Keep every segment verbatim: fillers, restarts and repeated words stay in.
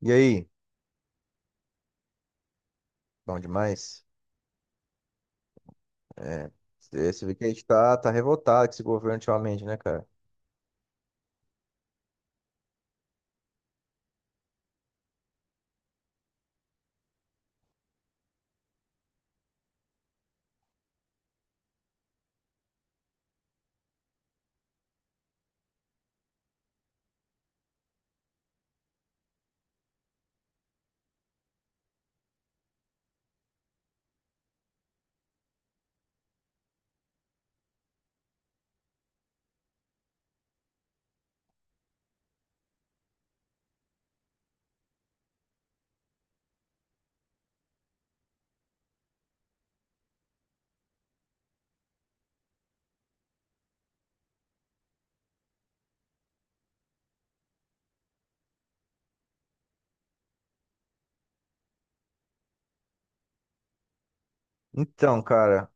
E aí? Bom demais? É, você você vê que a gente tá, tá revoltado com esse governo ultimamente, né, cara? Então, cara,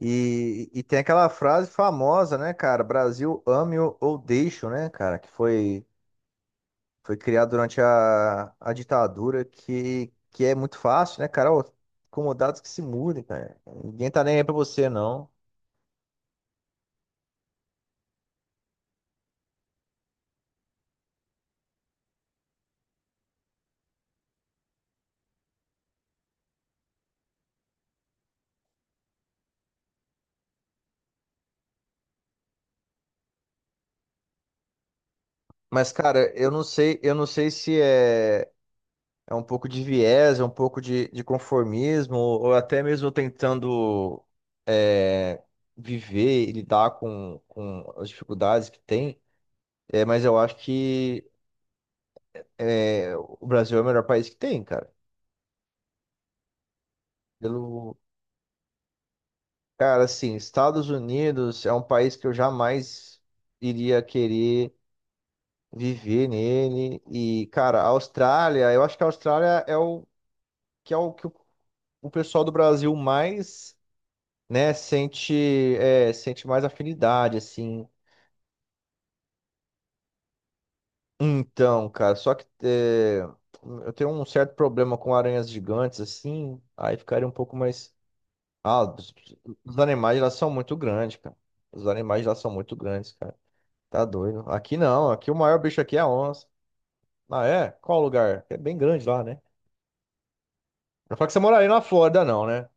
e, e tem aquela frase famosa, né, cara? Brasil ame ou ou deixe, né, cara? Que foi, foi criada durante a, a ditadura, que, que é muito fácil, né, cara? Ô, incomodados que se mudem, cara. Ninguém tá nem aí pra você, não. Mas, cara, eu não sei, eu não sei se é. É um pouco de viés, é um pouco de, de conformismo, ou até mesmo tentando é, viver e lidar com, com as dificuldades que tem. É, mas eu acho que é, o Brasil é o melhor país que tem, cara. Pelo, cara, assim, Estados Unidos é um país que eu jamais iria querer viver nele. E, cara, a Austrália, eu acho que a Austrália é o que é o que o o pessoal do Brasil mais, né? Sente, é, sente mais afinidade, assim. Então, cara, só que é, eu tenho um certo problema com aranhas gigantes, assim, aí ficaria um pouco mais. Ah, os, os animais lá são muito grandes, cara. Os animais lá são muito grandes, cara. Tá doido. Aqui não, aqui o maior bicho aqui é a onça. Ah, é? Qual o lugar? É bem grande lá, né? Não fala que você moraria na Flórida, não, né?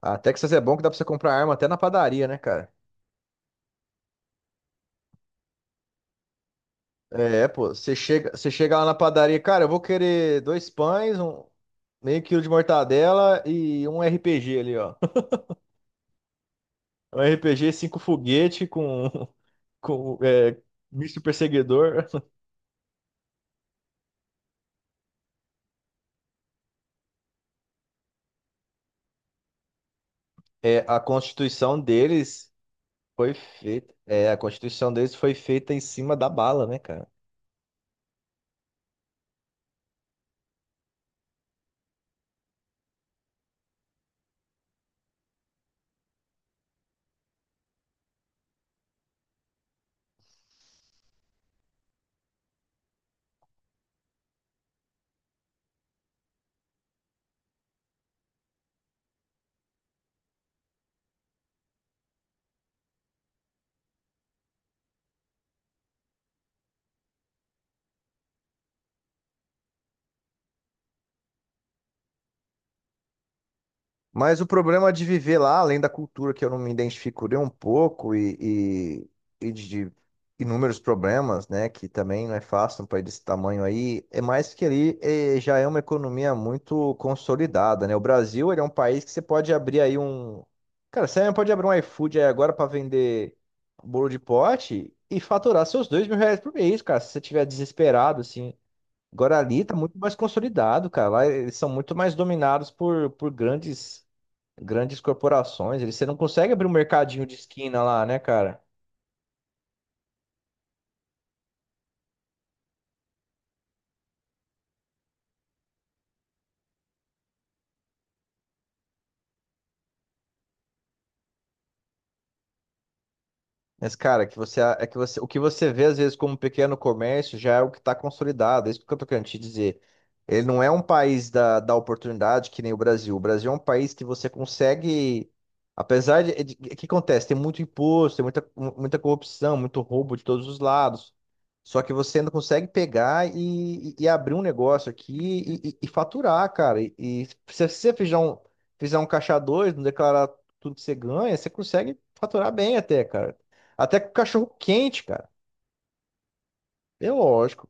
A Texas é bom que dá pra você comprar arma até na padaria, né, cara? É, pô, você chega, você chega lá na padaria, cara, eu vou querer dois pães, um meio quilo de mortadela e um R P G ali, ó. Um R P G, cinco foguete com, com é, misto perseguidor. É, a Constituição deles foi feita. É, a Constituição deles foi feita em cima da bala, né, cara? Mas o problema de viver lá, além da cultura que eu não me identifico nem um pouco e, e, e de inúmeros problemas, né, que também não é fácil um país desse tamanho aí, é mais que ali eh, já é uma economia muito consolidada, né? O Brasil, ele é um país que você pode abrir aí um. Cara, você mesmo pode abrir um iFood aí agora para vender bolo de pote e faturar seus dois mil reais por mês, cara, se você estiver desesperado, assim. Agora ali tá muito mais consolidado, cara. Lá eles são muito mais dominados por, por grandes grandes corporações, eles, você não consegue abrir um mercadinho de esquina lá, né, cara? Mas, cara, que você, é que você, o que você vê às vezes como pequeno comércio já é o que está consolidado. É isso que eu tô querendo te dizer. Ele não é um país da, da oportunidade que nem o Brasil. O Brasil é um país que você consegue. Apesar de. de- O que acontece? Tem muito imposto, tem muita, muita corrupção, muito roubo de todos os lados. Só que você ainda consegue pegar e, e abrir um negócio aqui e, e- e faturar, cara. E, e se você fizer um, fizer um caixa dois, não declarar tudo que você ganha, você consegue faturar bem até, cara. Até com cachorro quente, cara. É lógico.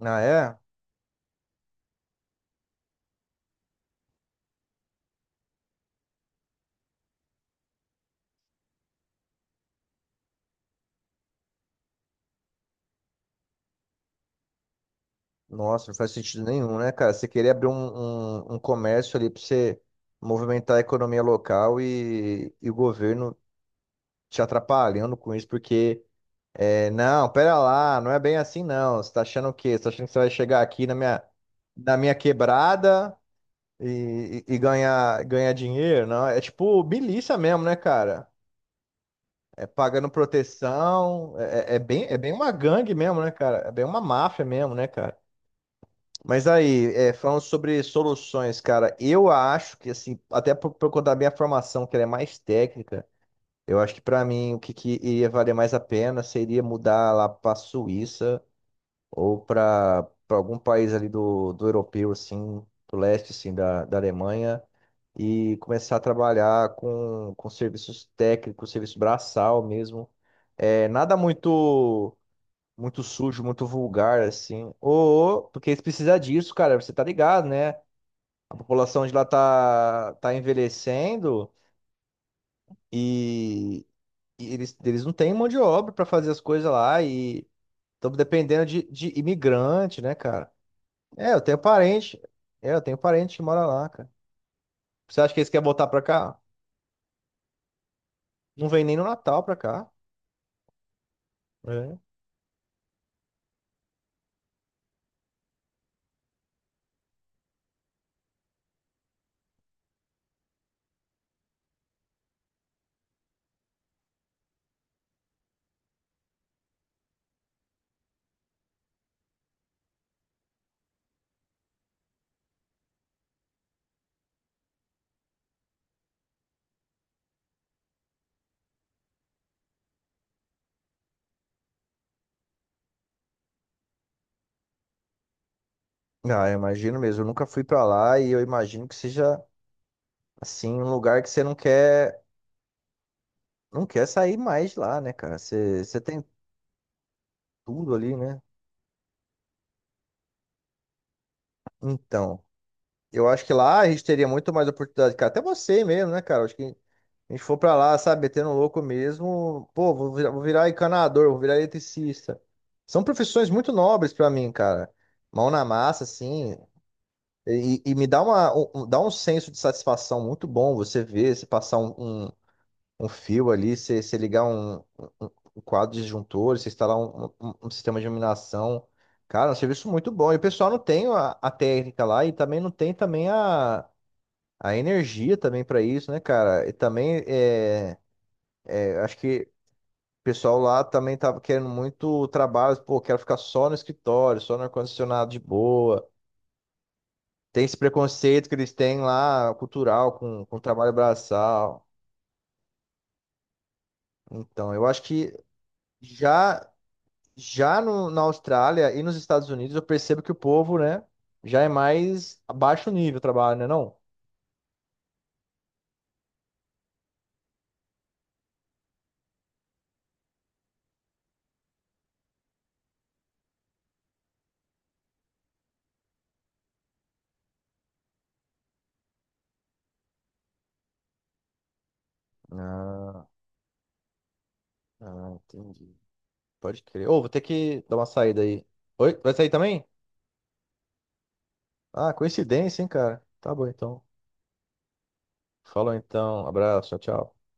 Ah, é? Nossa, não faz sentido nenhum, né, cara? Você querer abrir um, um, um comércio ali pra você movimentar a economia local e, e o governo te atrapalhando com isso, porque, é, não, pera lá, não é bem assim, não. Você tá achando o quê? Você tá achando que você vai chegar aqui na minha, na minha quebrada e, e- e ganhar, ganhar dinheiro? Não, é tipo milícia mesmo, né, cara? Pagando proteção. É, é é bem, é bem uma gangue mesmo, né, cara? É bem uma máfia mesmo, né, cara? Mas aí, é, falando sobre soluções, cara, eu acho que, assim, até por, por conta da minha formação, que ela é mais técnica, eu acho que pra mim o que, que iria valer mais a pena seria mudar lá pra Suíça ou pra pra algum país ali do, do europeu, assim, do leste, assim, da, da Alemanha, e começar a trabalhar com, com serviços técnicos, serviço braçal mesmo. É, nada muito muito sujo, muito vulgar, assim. Ou, porque eles precisam disso, cara, você tá ligado, né? A população de lá tá, tá envelhecendo e, e eles, eles não têm mão de obra para fazer as coisas lá e estão dependendo de, de imigrante, né, cara? É, eu tenho parente. É, eu tenho parente que mora lá, cara. Você acha que eles querem voltar pra cá? Não vem nem no Natal pra cá. É. Ah, eu imagino mesmo. Eu nunca fui pra lá e eu imagino que seja assim um lugar que você não quer, não quer sair mais de lá, né, cara? Você, você tem tudo ali, né? Então, eu acho que lá a gente teria muito mais oportunidade, cara. Até você mesmo, né, cara? Acho que a gente for pra lá, sabe, metendo louco mesmo, pô, vou virar, vou virar encanador, vou virar eletricista. São profissões muito nobres pra mim, cara. Mão na massa, assim. E, e me dá uma, um, um- dá um senso de satisfação muito bom você ver, você passar um, um- um fio ali, você você ligar um, um, um quadro disjuntor, você instalar um, um- um sistema de iluminação. Cara, é um serviço muito bom. E o pessoal não tem a, a técnica lá e também não tem também a, a energia também para isso, né, cara? E também é, é, acho que o pessoal lá também tava querendo muito trabalho, pô, quero ficar só no escritório, só no ar-condicionado de boa. Tem esse preconceito que eles têm lá, cultural, com, com trabalho braçal. Então, eu acho que já Já no- na Austrália e nos Estados Unidos, eu percebo que o povo, né, já é mais abaixo nível o trabalho, né, não? Ah, ah, entendi. Pode crer. Ô, vou ter que dar uma saída aí. Oi, vai sair também? Ah, coincidência, hein, cara. Tá bom, então. Falou, então. Abraço, tchau, tchau.